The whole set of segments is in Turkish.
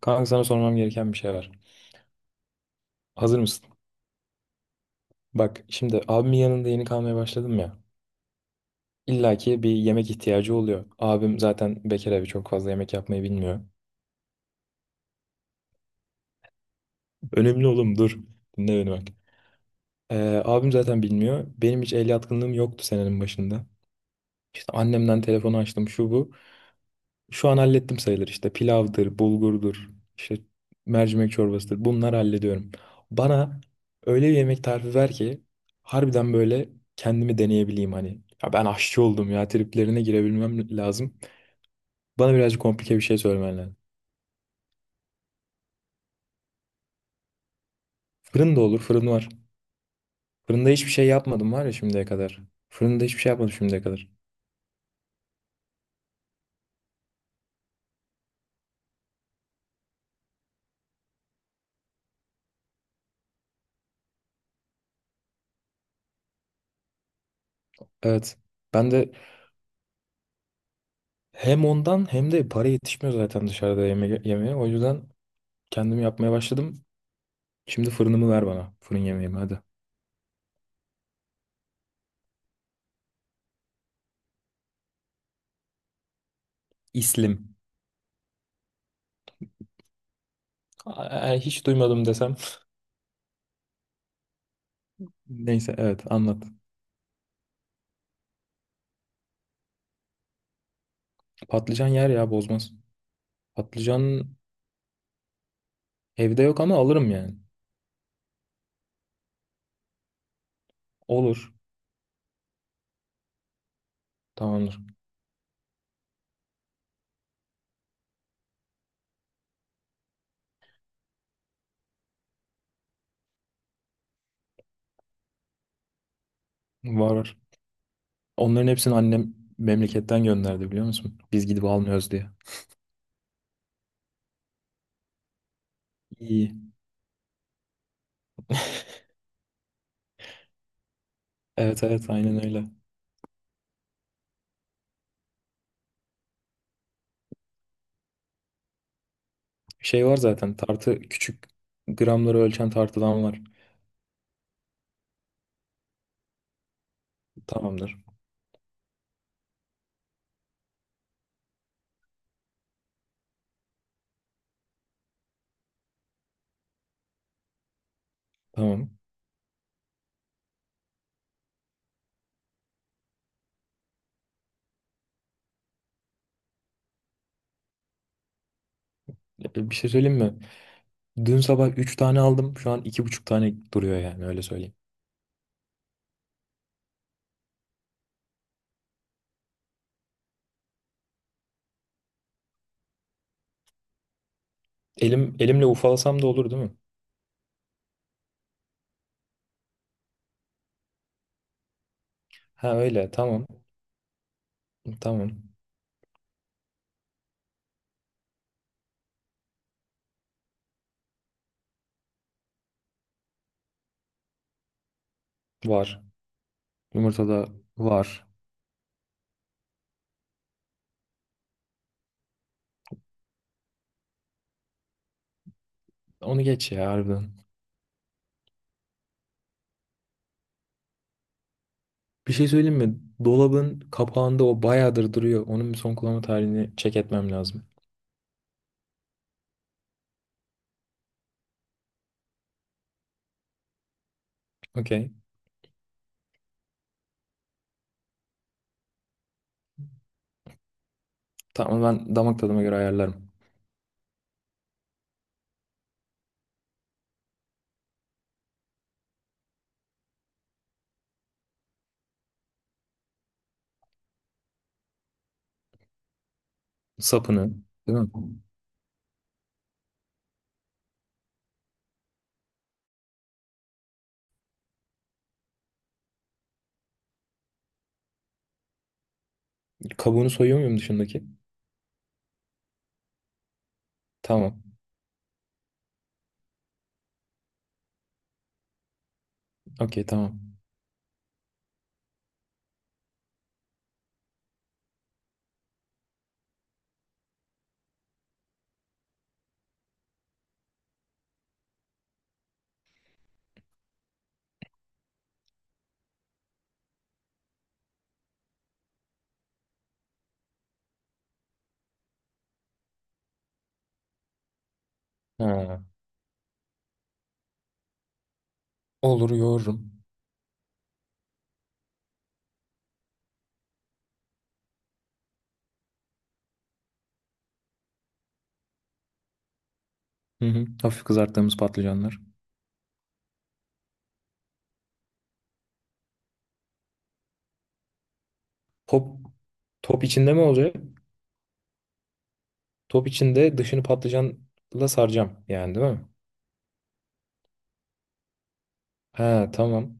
Kanka sana sormam gereken bir şey var. Hazır mısın? Bak şimdi abimin yanında yeni kalmaya başladım ya. İlla ki bir yemek ihtiyacı oluyor. Abim zaten bekar abi çok fazla yemek yapmayı bilmiyor. Önemli oğlum dur. Dinle beni bak. Abim zaten bilmiyor. Benim hiç el yatkınlığım yoktu senenin başında. İşte annemden telefonu açtım şu bu. Şu an hallettim sayılır işte pilavdır, bulgurdur, işte mercimek çorbasıdır. Bunları hallediyorum. Bana öyle bir yemek tarifi ver ki harbiden böyle kendimi deneyebileyim hani. Ya ben aşçı oldum ya triplerine girebilmem lazım. Bana birazcık komplike bir şey söylemen lazım. Fırın da olur, fırın var. Fırında hiçbir şey yapmadım var ya şimdiye kadar. Fırında hiçbir şey yapmadım şimdiye kadar. Evet. Ben de hem ondan hem de para yetişmiyor zaten dışarıda yeme yemeye. O yüzden kendim yapmaya başladım. Şimdi fırınımı ver bana. Fırın yemeğimi hadi. İslim. Aa, hiç duymadım desem. Neyse evet anlat. Patlıcan yer ya bozmaz. Patlıcan evde yok ama alırım yani. Olur. Tamamdır. Var var. Onların hepsini annem memleketten gönderdi biliyor musun? Biz gidip almıyoruz diye. İyi. Evet evet aynen öyle. Şey var zaten tartı küçük gramları ölçen tartıdan var. Tamamdır. Tamam. E, bir şey söyleyeyim mi? Dün sabah 3 tane aldım. Şu an 2,5 tane duruyor yani öyle söyleyeyim. Elim elimle ufalasam da olur değil mi? Ha öyle tamam. Tamam. Var. Yumurtada var. Onu geç ya harbiden. Bir şey söyleyeyim mi? Dolabın kapağında o bayağıdır duruyor. Onun bir son kullanma tarihini check etmem lazım. Okey. Tamam ben damak tadıma göre ayarlarım. Sapını, değil mi? Kabuğunu soyuyor muyum dışındaki? Tamam. Okey tamam. Ha. Olur yoğururum. Hı hı. Hafif kızarttığımız patlıcanlar. Top, top içinde mi olacak? Top içinde dışını patlıcanla saracağım yani değil mi? Ha tamam.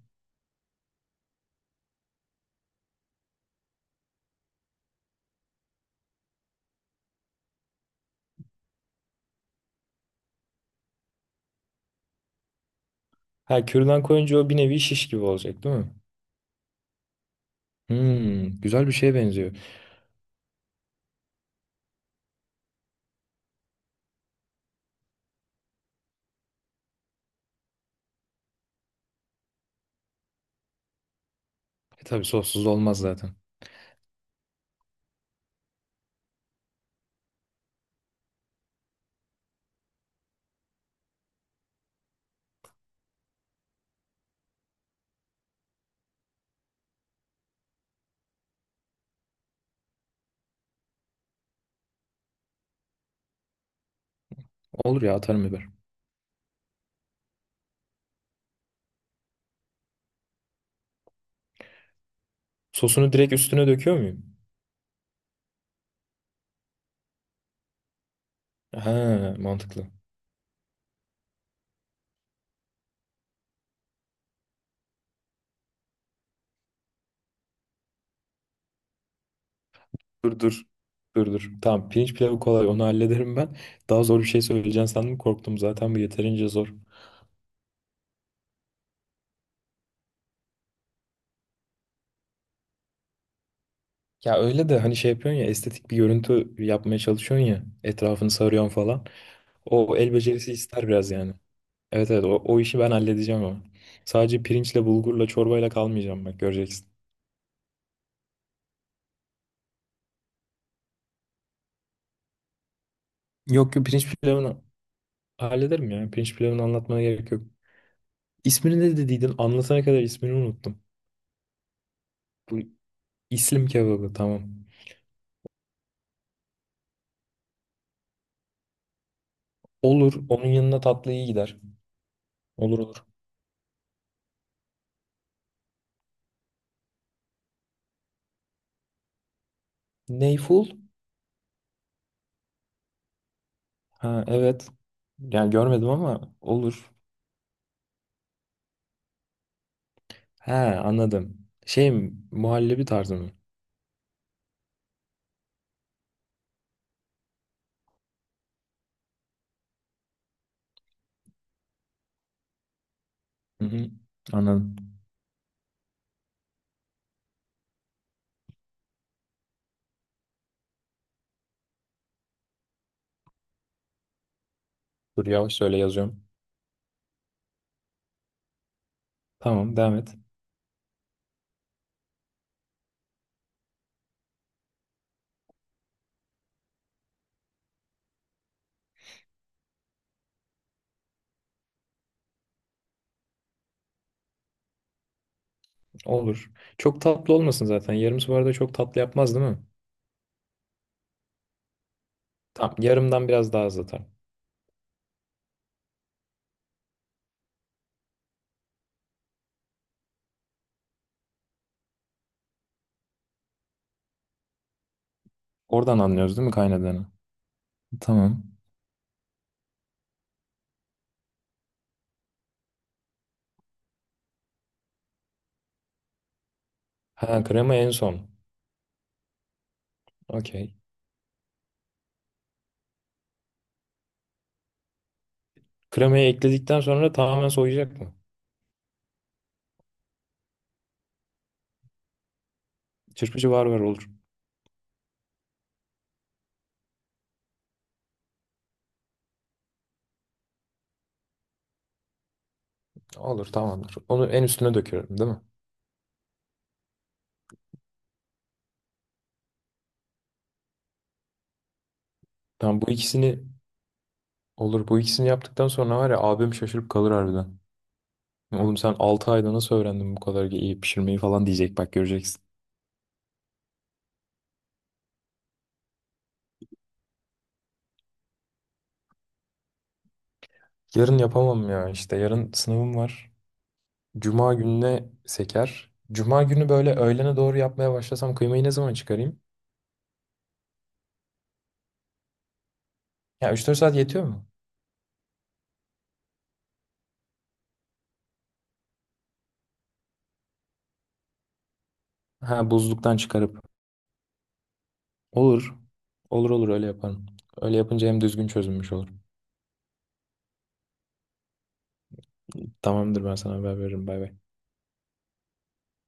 Ha kürdan koyunca o bir nevi şiş gibi olacak değil mi? Hmm, güzel bir şeye benziyor. E tabii sossuz olmaz zaten. Olur ya atarım biber. Sosunu direkt üstüne döküyor muyum? Ha mantıklı. Dur dur. Dur dur. Tamam pirinç pilavı kolay onu hallederim ben. Daha zor bir şey söyleyeceğim sandım korktum zaten bu yeterince zor. Ya öyle de hani şey yapıyorsun ya estetik bir görüntü yapmaya çalışıyorsun ya etrafını sarıyorsun falan. O el becerisi ister biraz yani. Evet evet o işi ben halledeceğim ama. Sadece pirinçle bulgurla çorbayla kalmayacağım bak göreceksin. Yok yok pirinç pilavını hallederim ya. Pirinç pilavını anlatmana gerek yok. İsmini ne dediydin? Anlatana kadar ismini unuttum. Bu İslim kebabı tamam. Olur. Onun yanına tatlı iyi gider. Olur olur. Neyful? Ha evet. Yani görmedim ama olur. He anladım. Şey mi, muhallebi tarzı mı? Hı hı, anladım. Dur yavaş söyle yazıyorum. Tamam devam et. Olur. Çok tatlı olmasın zaten. Yarım su arada çok tatlı yapmaz değil mi? Tamam. Yarımdan biraz daha az atar. Oradan anlıyoruz değil mi kaynadığını? Tamam. Ha krema en son. Okey. Kremayı ekledikten sonra tamamen soğuyacak mı? Çırpıcı var var olur. Olur tamamdır. Onu en üstüne döküyorum değil mi? Tamam bu ikisini olur. Bu ikisini yaptıktan sonra var ya abim şaşırıp kalır harbiden. Oğlum sen 6 ayda nasıl öğrendin bu kadar iyi pişirmeyi falan diyecek bak göreceksin. Yarın yapamam ya işte yarın sınavım var. Cuma gününe seker. Cuma günü böyle öğlene doğru yapmaya başlasam kıymayı ne zaman çıkarayım? Ya 3-4 saat yetiyor mu? Ha buzluktan çıkarıp. Olur. Olur olur öyle yaparım. Öyle yapınca hem düzgün çözülmüş olur. Tamamdır ben sana haber veririm. Bay bay.